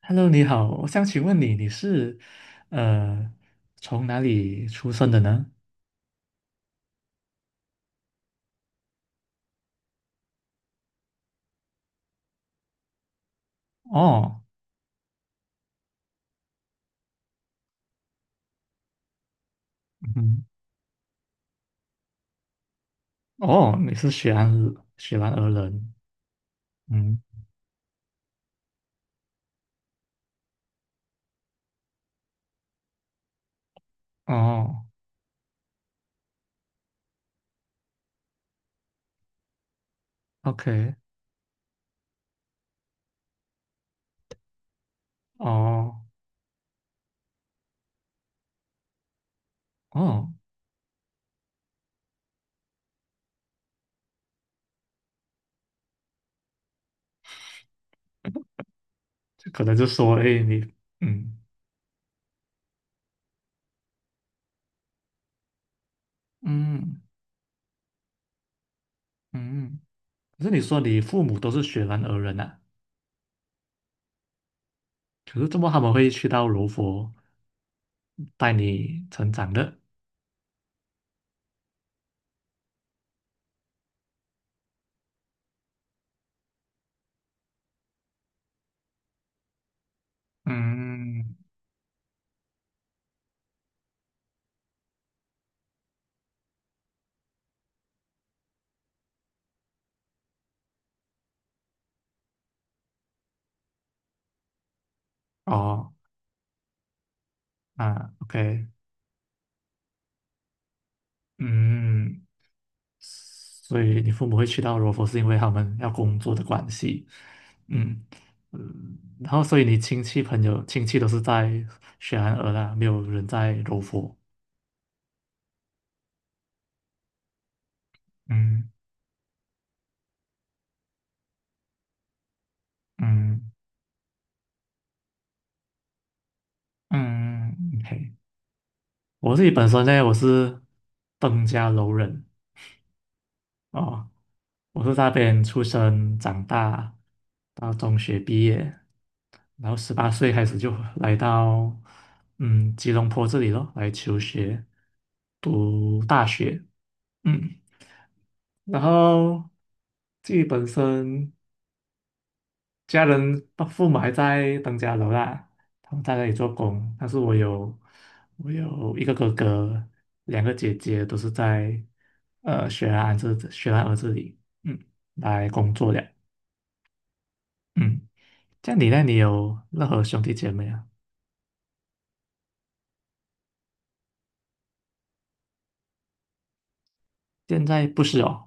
Hello，你好，我想请问你，你是呃从哪里出生的呢？哦，嗯，哦，你是雪兰莪人，嗯，哦，OK，哦哦，这可能就说，哎，你，嗯嗯嗯，可是你说你父母都是雪兰莪人啊，可是怎么他们会去到柔佛带你成长的？嗯，哦，啊，OK，嗯。所以你父母会去到柔佛，是因为他们要工作的关系，嗯嗯，然后所以你亲戚朋友亲戚都是在雪兰莪啦，没有人在柔佛，嗯嗯嗯，OK，我自己本身呢，我是登家楼人哦，我是在那边出生长大，到中学毕业，然后18岁开始就来到吉隆坡这里咯，来求学，读大学，嗯，然后自己本身家人爸父母还在登嘉楼啦，他们在那里做工，但是我有一个哥哥，两个姐姐都是在雪兰莪这里，嗯，来工作的。嗯。这样你那里有任何兄弟姐妹啊？现在不是哦，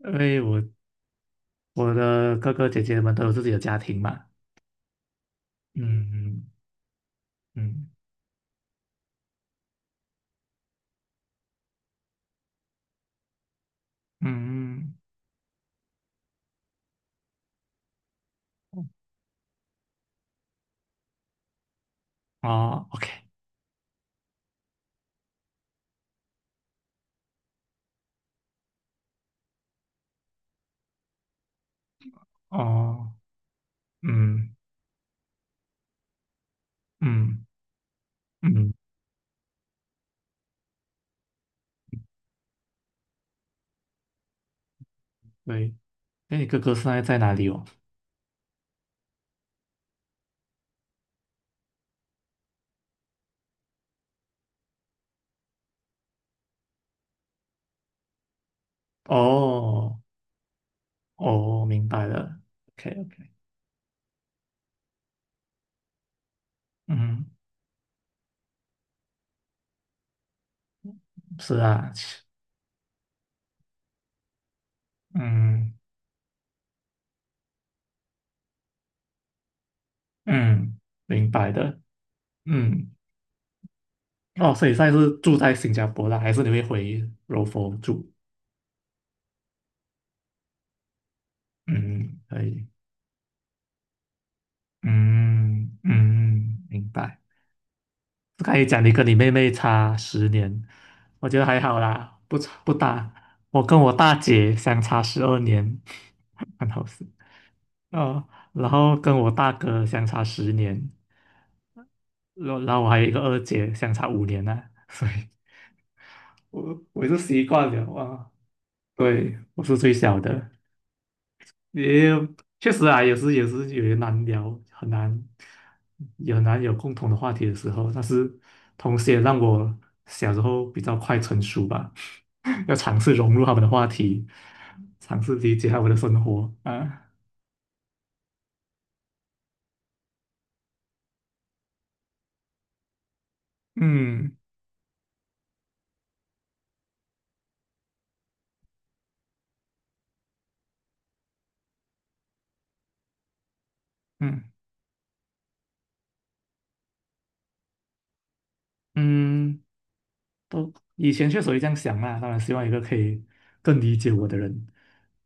因为我的哥哥姐姐们都有自己的家庭嘛。嗯嗯嗯，嗯，哦，OK，哦，嗯嗯嗯，对。那你哥哥现在在哪里哦？哦哦，明白了。OK OK，嗯，是啊，嗯嗯，明白的。嗯，哦，所以现在是住在新加坡啦，还是你会回柔佛住？嗯，可以。嗯嗯，明白。我刚才讲你跟你妹妹差十年，我觉得还好啦，不差不大。我跟我大姐相差12年，很好笑。哦，然后跟我大哥相差十年，然后我还有一个二姐相差5年呢、所以我就习惯了哇。对，我是最小的，也确实啊，也是有些难聊，很难，也很难有共同的话题的时候。但是，同时也让我小时候比较快成熟吧，要尝试融入他们的话题，尝试理解他们的生活啊。嗯嗯嗯，都以前确实会这样想啦，当然希望有一个可以更理解我的人。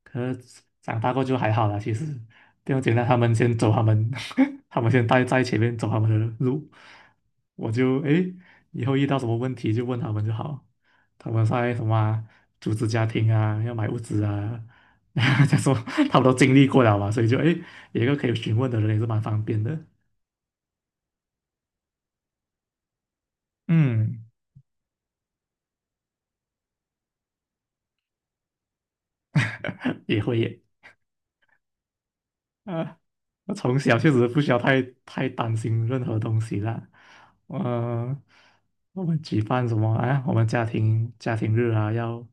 可是长大过就还好啦，其实不用紧单。他们先走他们，他们先待在前面走他们的路，我就诶以后遇到什么问题就问他们就好。他们在什么啊组织家庭啊，要买物资啊，这样说他们都经历过了嘛，所以就诶有一个可以询问的人也是蛮方便的。嗯，也会耶。呃，我从小确实不需要太担心任何东西啦。嗯，我们举办什么啊？我们家庭日啊，要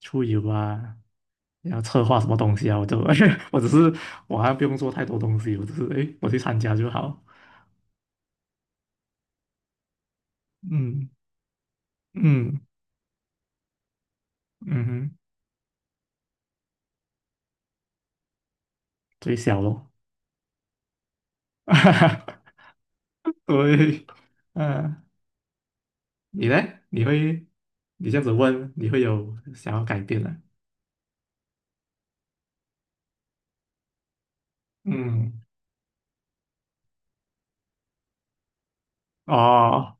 出游啊，要策划什么东西啊？我就 我只是我还不用做太多东西，我只是诶，我去参加就好。嗯嗯嗯哼，最小咯。对，嗯、你呢？你会你这样子问，你会有想要改变的？嗯，哦。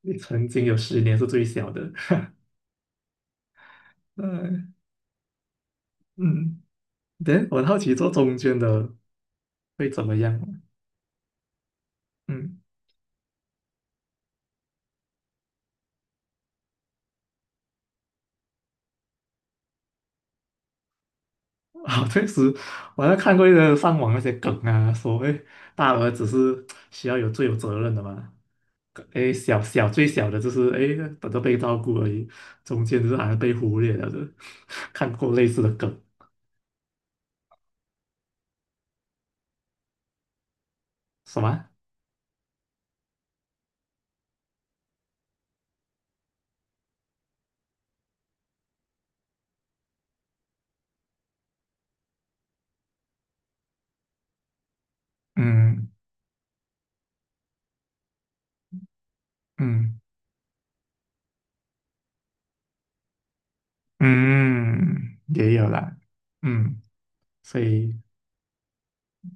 你曾经有十年是最小的，嗯嗯，对，我很好奇做中间的会怎么样？嗯，好，确实，我还看过一个上网那些梗啊，所谓大儿子是需要有最有责任的嘛，诶，最小的就是诶等着被照顾而已，中间就是好像被忽略了的，看过类似的梗，什么？嗯嗯嗯，也有啦，嗯，所以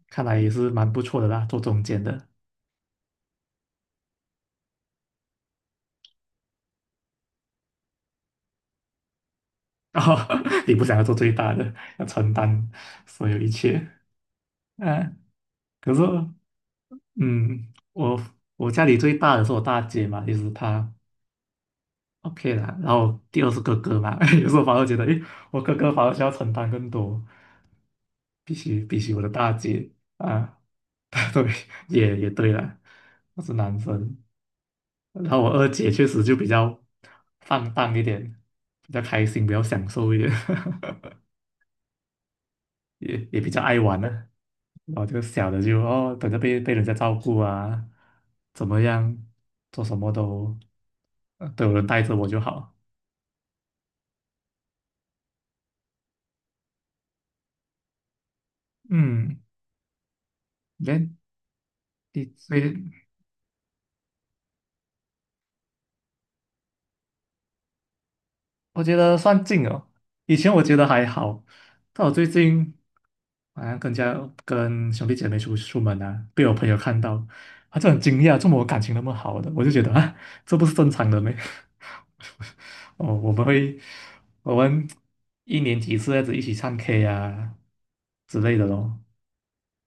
看来也是蛮不错的啦，做中间的。然后 你不想要做最大的，要承担所有一切啊。可是，嗯，我家里最大的是我大姐嘛，其是她 OK 啦。然后第二是哥哥嘛，有时候反而觉得，诶，我哥哥反而需要承担更多，比起我的大姐啊，对，也对啦，我是男生。然后我二姐确实就比较放荡一点，比较开心，比较享受一点。也比较爱玩呢、然后这个小的就哦，等着被人家照顾啊，怎么样，做什么都都有人带着我就好。嗯，那你所以我觉得算近哦，以前我觉得还好，但我最近好像跟兄弟姐妹出门啊，被我朋友看到，他就很惊讶，怎么我感情那么好的？我就觉得啊，这不是正常的咩？哦，我们一年几次这样子一起唱 K 啊之类的咯。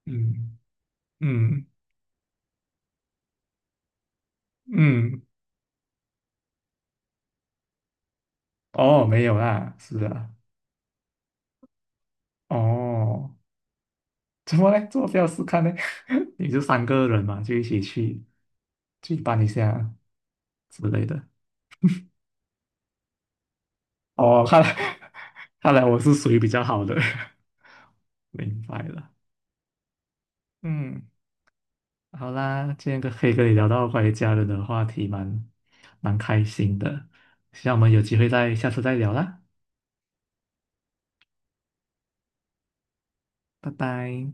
嗯嗯嗯，哦，没有啦，是啊，哦。怎么嘞？做要试看呢？你就三个人嘛，就一起去搬一下之类的。哦，看来 看来我是属于比较好的，明白了。嗯，好啦，今天可以跟你聊到关于家人的话题蛮开心的，希望我们有机会再下次再聊啦，拜拜。